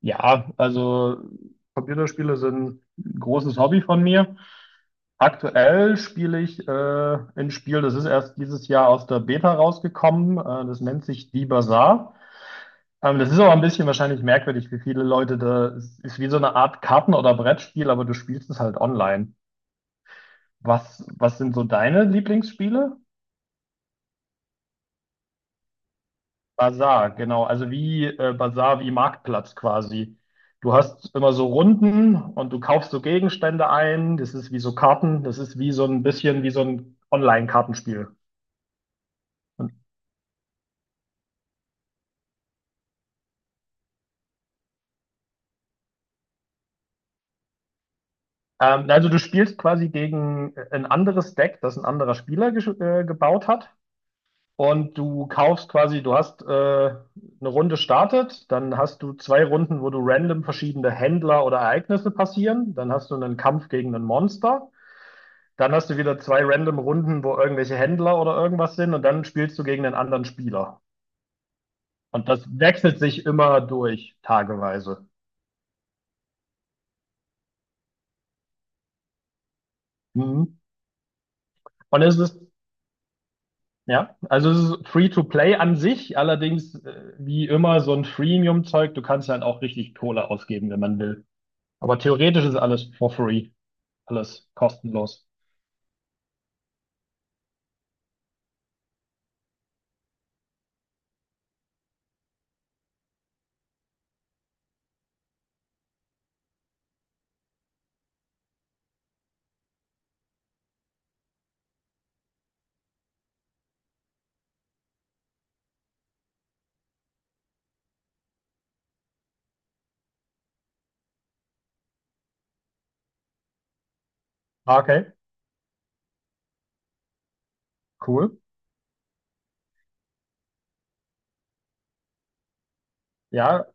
Ja, also Computerspiele sind ein großes Hobby von mir. Aktuell spiele ich ein Spiel, das ist erst dieses Jahr aus der Beta rausgekommen. Das nennt sich Die Bazaar. Das ist aber ein bisschen wahrscheinlich merkwürdig für viele Leute. Das ist wie so eine Art Karten- oder Brettspiel, aber du spielst es halt online. Was sind so deine Lieblingsspiele? Basar, genau. Also wie Basar, wie Marktplatz quasi. Du hast immer so Runden und du kaufst so Gegenstände ein. Das ist wie so Karten. Das ist wie so ein bisschen wie so ein Online-Kartenspiel. Und, also du spielst quasi gegen ein anderes Deck, das ein anderer Spieler gebaut hat. Und du kaufst quasi, du hast eine Runde startet, dann hast du zwei Runden, wo du random verschiedene Händler oder Ereignisse passieren. Dann hast du einen Kampf gegen ein Monster. Dann hast du wieder zwei random Runden, wo irgendwelche Händler oder irgendwas sind und dann spielst du gegen einen anderen Spieler. Und das wechselt sich immer durch, tageweise. Mhm. Und es ist, ja, also es ist Free-to-Play an sich, allerdings wie immer so ein Freemium-Zeug, du kannst dann auch richtig Kohle ausgeben, wenn man will. Aber theoretisch ist alles for free, alles kostenlos. Ah, okay, cool. Ja,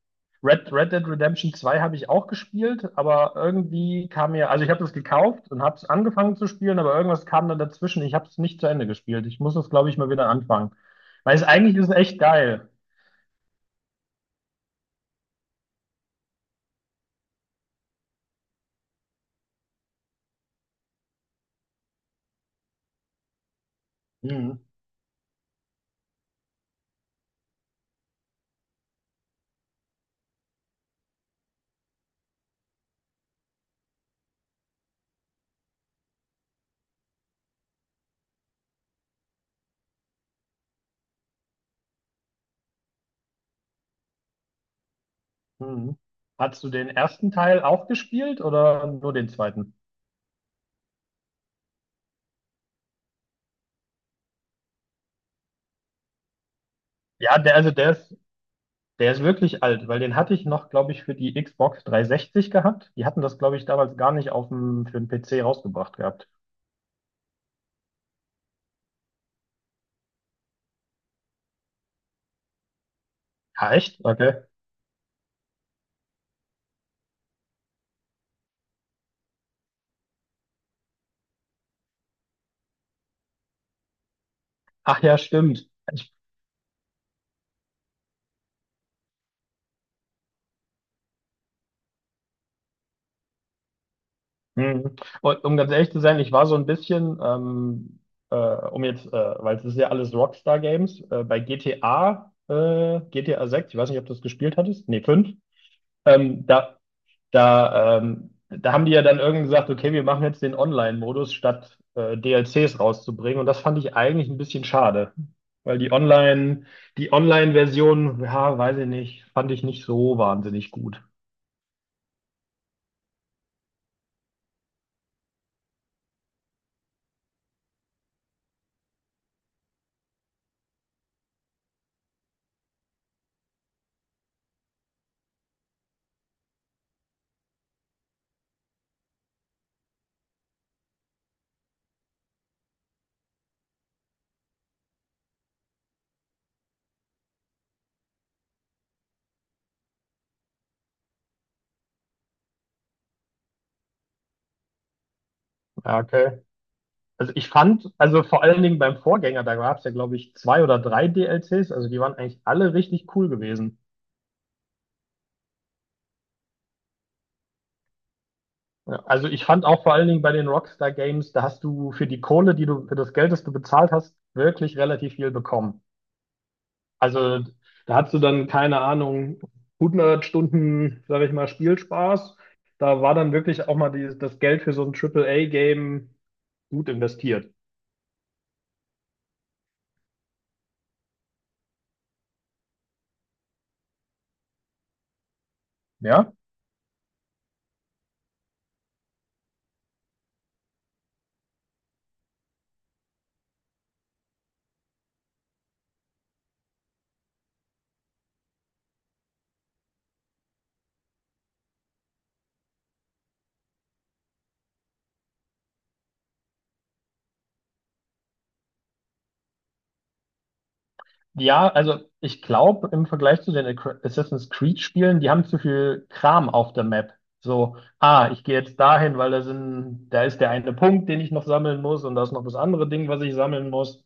Red Dead Redemption zwei habe ich auch gespielt, aber irgendwie kam mir, also ich habe das gekauft und habe es angefangen zu spielen, aber irgendwas kam dann dazwischen. Ich habe es nicht zu Ende gespielt. Ich muss das, glaube ich, mal wieder anfangen. Weil es eigentlich ist es echt geil. Hm, hm. Hast du den ersten Teil auch gespielt oder nur den zweiten? Ja, der ist wirklich alt, weil den hatte ich noch, glaube ich, für die Xbox 360 gehabt. Die hatten das, glaube ich, damals gar nicht auf dem, für den PC rausgebracht gehabt. Ja, echt? Okay. Ach ja, stimmt. Mhm. Und um ganz ehrlich zu sein, ich war so ein bisschen, äh, weil es ist ja alles Rockstar Games, bei GTA, GTA 6, ich weiß nicht, ob du das gespielt hattest, nee, 5, ähm, da, da haben die ja dann irgendwie gesagt, okay, wir machen jetzt den Online-Modus, statt DLCs rauszubringen. Und das fand ich eigentlich ein bisschen schade, weil die Online-Version, ja, weiß ich nicht, fand ich nicht so wahnsinnig gut. Ja, also ich fand, also vor allen Dingen beim Vorgänger, da gab es ja, glaube ich, zwei oder drei DLCs, also die waren eigentlich alle richtig cool gewesen. Ja, also ich fand auch vor allen Dingen bei den Rockstar Games, da hast du für die Kohle, die du, für das Geld, das du bezahlt hast, wirklich relativ viel bekommen. Also da hast du dann, keine Ahnung, hundert Stunden, sage ich mal, Spielspaß. Da war dann wirklich auch mal die, das Geld für so ein Triple A game gut investiert. Ja. Ja, also ich glaube, im Vergleich zu den Assassin's Creed-Spielen, die haben zu viel Kram auf der Map. So, ah, ich gehe jetzt dahin, weil da sind, da ist der eine Punkt, den ich noch sammeln muss und da ist noch das andere Ding, was ich sammeln muss.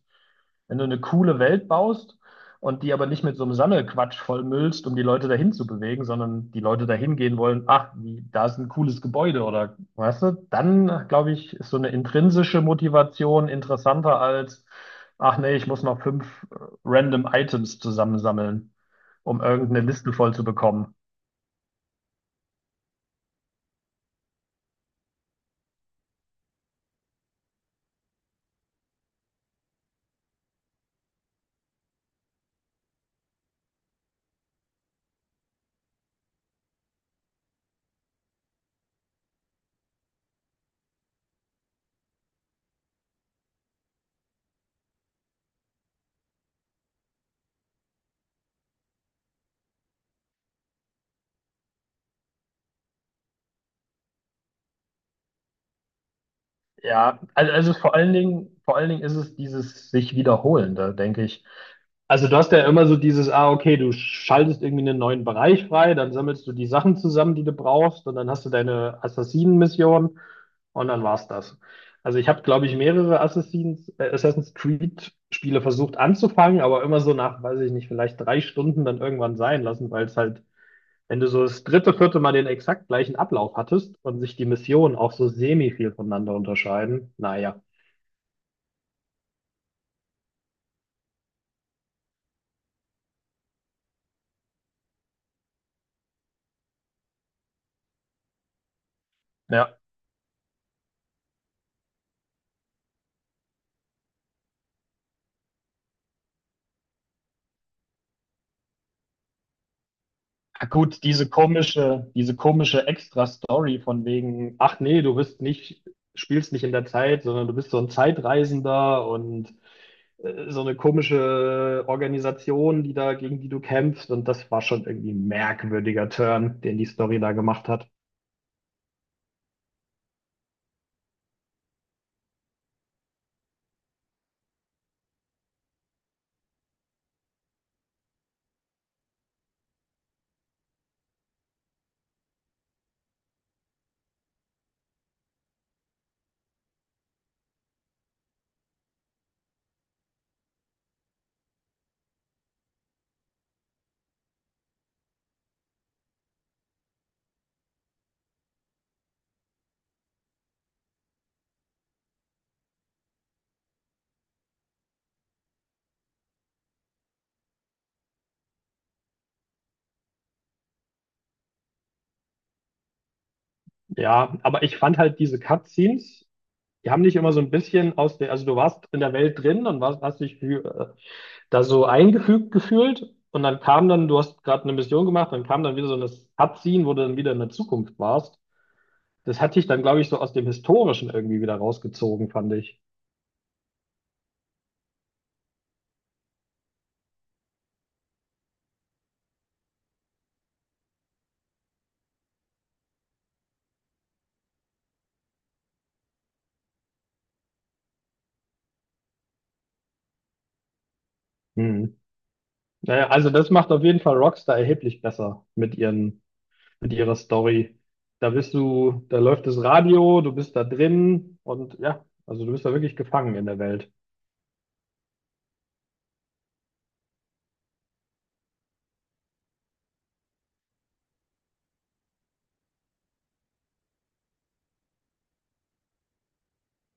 Wenn du eine coole Welt baust und die aber nicht mit so einem Sammelquatsch vollmüllst, um die Leute dahin zu bewegen, sondern die Leute dahin gehen wollen, ach, wie, da ist ein cooles Gebäude oder weißt du, dann glaube ich, ist so eine intrinsische Motivation interessanter als, ach nee, ich muss noch fünf random Items zusammensammeln, um irgendeine Liste voll zu bekommen. Ja, also vor allen Dingen ist es dieses sich wiederholende, denke ich. Also du hast ja immer so dieses, ah, okay, du schaltest irgendwie einen neuen Bereich frei, dann sammelst du die Sachen zusammen, die du brauchst, und dann hast du deine Assassinen-Mission und dann war's das. Also ich habe, glaube ich, mehrere Assassin's Creed-Spiele versucht anzufangen, aber immer so nach, weiß ich nicht, vielleicht drei Stunden dann irgendwann sein lassen, weil es halt wenn du so das dritte, vierte Mal den exakt gleichen Ablauf hattest und sich die Missionen auch so semi viel voneinander unterscheiden, naja. Ja, gut, diese komische Extra-Story von wegen, ach nee, du bist nicht, spielst nicht in der Zeit, sondern du bist so ein Zeitreisender und so eine komische Organisation, die da, gegen die du kämpfst. Und das war schon irgendwie ein merkwürdiger Turn, den die Story da gemacht hat. Ja, aber ich fand halt diese Cutscenes. Die haben dich immer so ein bisschen aus der, also du warst in der Welt drin und warst, hast dich für, da so eingefügt gefühlt und dann kam dann, du hast gerade eine Mission gemacht, dann kam dann wieder so ein Abziehen, wo du dann wieder in der Zukunft warst. Das hat dich dann, glaube ich, so aus dem Historischen irgendwie wieder rausgezogen, fand ich. Hm. Naja, also das macht auf jeden Fall Rockstar erheblich besser mit ihren, mit ihrer Story. Da bist du, da läuft das Radio, du bist da drin und ja, also du bist da wirklich gefangen in der Welt.